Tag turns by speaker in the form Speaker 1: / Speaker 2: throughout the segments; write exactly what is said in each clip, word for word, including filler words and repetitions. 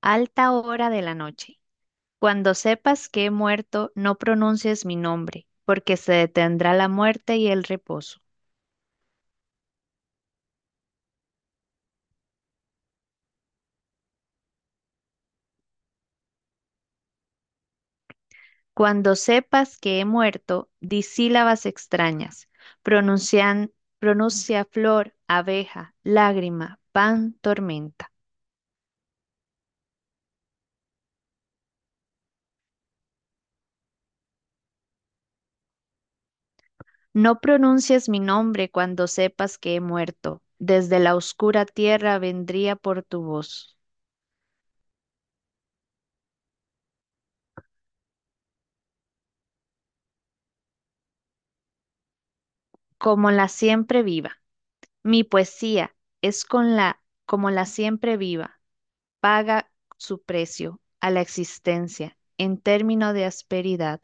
Speaker 1: Alta hora de la noche. Cuando sepas que he muerto, no pronuncies mi nombre, porque se detendrá la muerte y el reposo. Cuando sepas que he muerto, di sílabas extrañas. Pronuncian, pronuncia flor, abeja, lágrima, pan, tormenta. No pronuncies mi nombre cuando sepas que he muerto. Desde la oscura tierra vendría por tu voz, como la siempre viva. Mi poesía es con la, como la siempre viva paga su precio a la existencia en término de asperidad.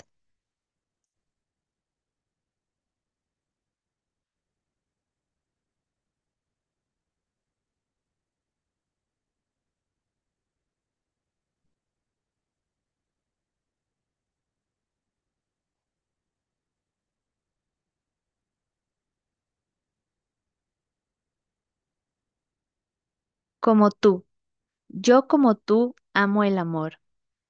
Speaker 1: Como tú, yo como tú amo el amor,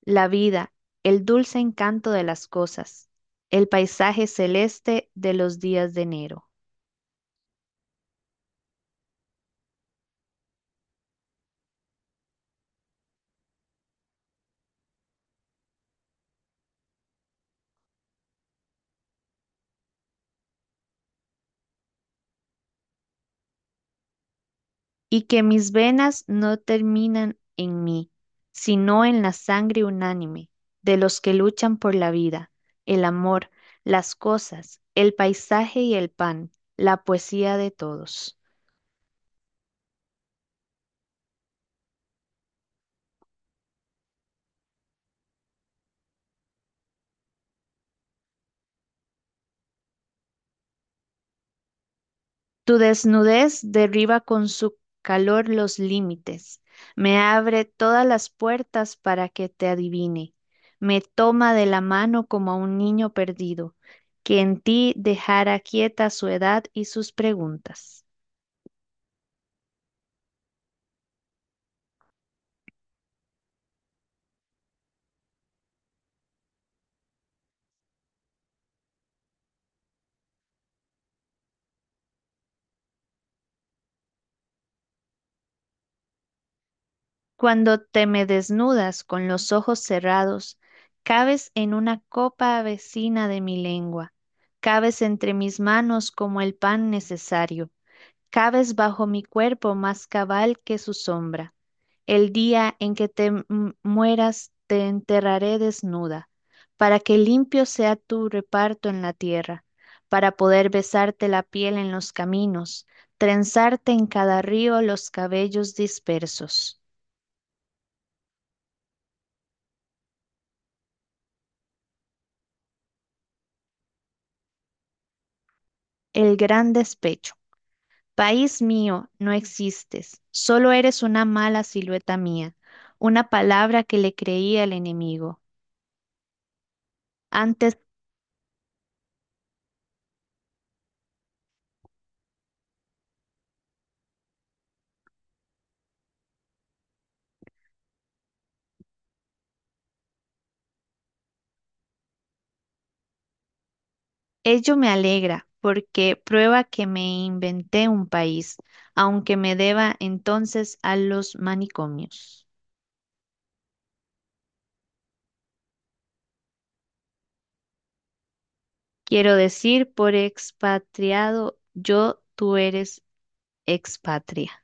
Speaker 1: la vida, el dulce encanto de las cosas, el paisaje celeste de los días de enero, y que mis venas no terminan en mí, sino en la sangre unánime de los que luchan por la vida, el amor, las cosas, el paisaje y el pan, la poesía de todos. Tu desnudez derriba con su calor los límites, me abre todas las puertas para que te adivine, me toma de la mano como a un niño perdido, que en ti dejara quieta su edad y sus preguntas. Cuando te me desnudas con los ojos cerrados, cabes en una copa vecina de mi lengua, cabes entre mis manos como el pan necesario, cabes bajo mi cuerpo más cabal que su sombra. El día en que te m- mueras, te enterraré desnuda, para que limpio sea tu reparto en la tierra, para poder besarte la piel en los caminos, trenzarte en cada río los cabellos dispersos. El gran despecho. País mío, no existes, solo eres una mala silueta mía, una palabra que le creía al enemigo. Antes, ello me alegra porque prueba que me inventé un país, aunque me deba entonces a los manicomios. Quiero decir, por expatriado, yo tú eres expatria.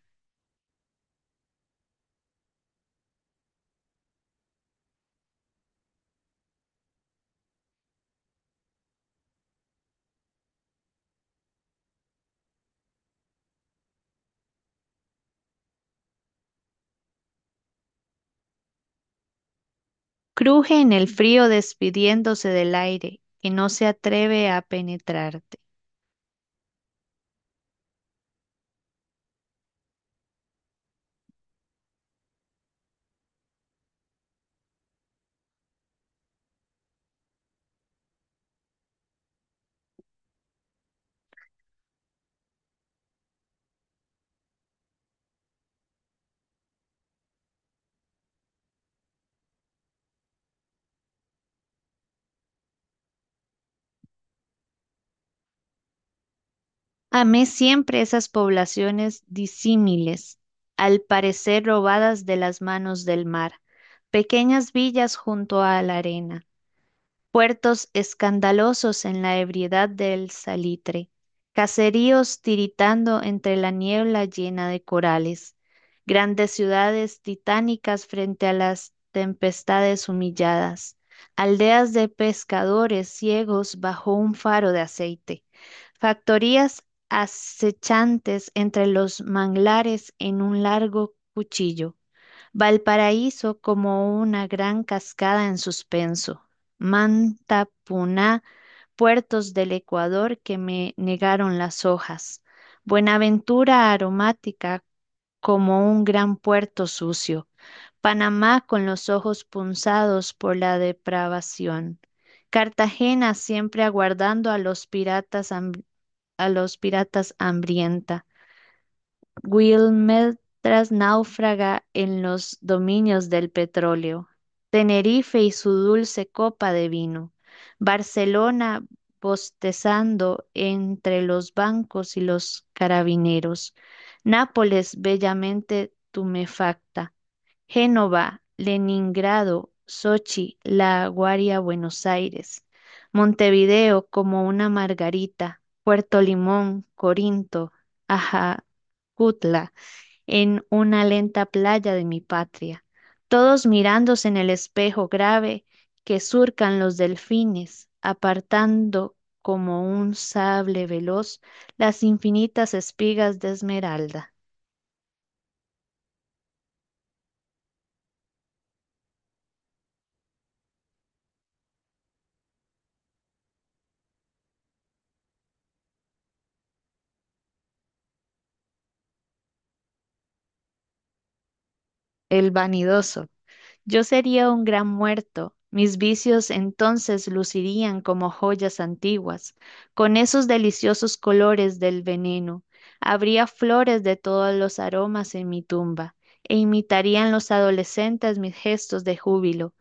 Speaker 1: Cruje en el frío despidiéndose del aire, que no se atreve a penetrarte. Amé siempre esas poblaciones disímiles, al parecer robadas de las manos del mar, pequeñas villas junto a la arena, puertos escandalosos en la ebriedad del salitre, caseríos tiritando entre la niebla llena de corales, grandes ciudades titánicas frente a las tempestades humilladas, aldeas de pescadores ciegos bajo un faro de aceite, factorías acechantes entre los manglares en un largo cuchillo, Valparaíso como una gran cascada en suspenso. Manta, Puná, puertos del Ecuador que me negaron las hojas. Buenaventura aromática como un gran puerto sucio. Panamá con los ojos punzados por la depravación. Cartagena siempre aguardando a los piratas, ham- a los piratas hambrienta. Will tras náufraga en los dominios del petróleo, Tenerife y su dulce copa de vino, Barcelona bostezando entre los bancos y los carabineros, Nápoles bellamente tumefacta, Génova, Leningrado, Sochi, La Aguaria, Buenos Aires, Montevideo como una margarita, Puerto Limón, Corinto, Ajacutla, en una lenta playa de mi patria, todos mirándose en el espejo grave que surcan los delfines, apartando como un sable veloz las infinitas espigas de esmeralda. El vanidoso. Yo sería un gran muerto. Mis vicios entonces lucirían como joyas antiguas, con esos deliciosos colores del veneno. Habría flores de todos los aromas en mi tumba, e imitarían los adolescentes mis gestos de júbilo,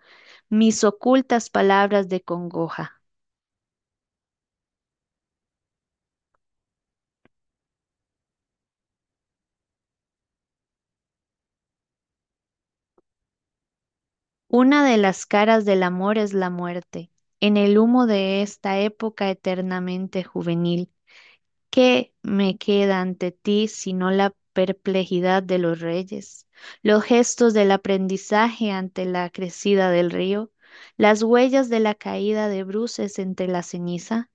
Speaker 1: mis ocultas palabras de congoja. Una de las caras del amor es la muerte, en el humo de esta época eternamente juvenil. ¿Qué me queda ante ti sino la perplejidad de los reyes, los gestos del aprendizaje ante la crecida del río, las huellas de la caída de bruces entre la ceniza?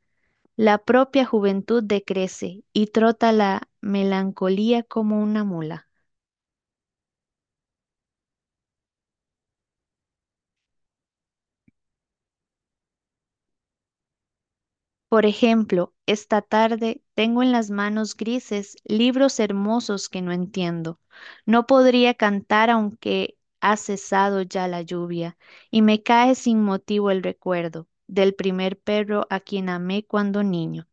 Speaker 1: La propia juventud decrece y trota la melancolía como una mula. Por ejemplo, esta tarde tengo en las manos grises libros hermosos que no entiendo. No podría cantar aunque ha cesado ya la lluvia, y me cae sin motivo el recuerdo del primer perro a quien amé cuando niño.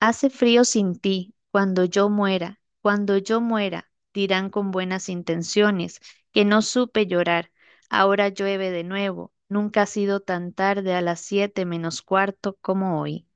Speaker 1: Hace frío sin ti, cuando yo muera, cuando yo muera, dirán con buenas intenciones, que no supe llorar. Ahora llueve de nuevo, nunca ha sido tan tarde a las siete menos cuarto como hoy.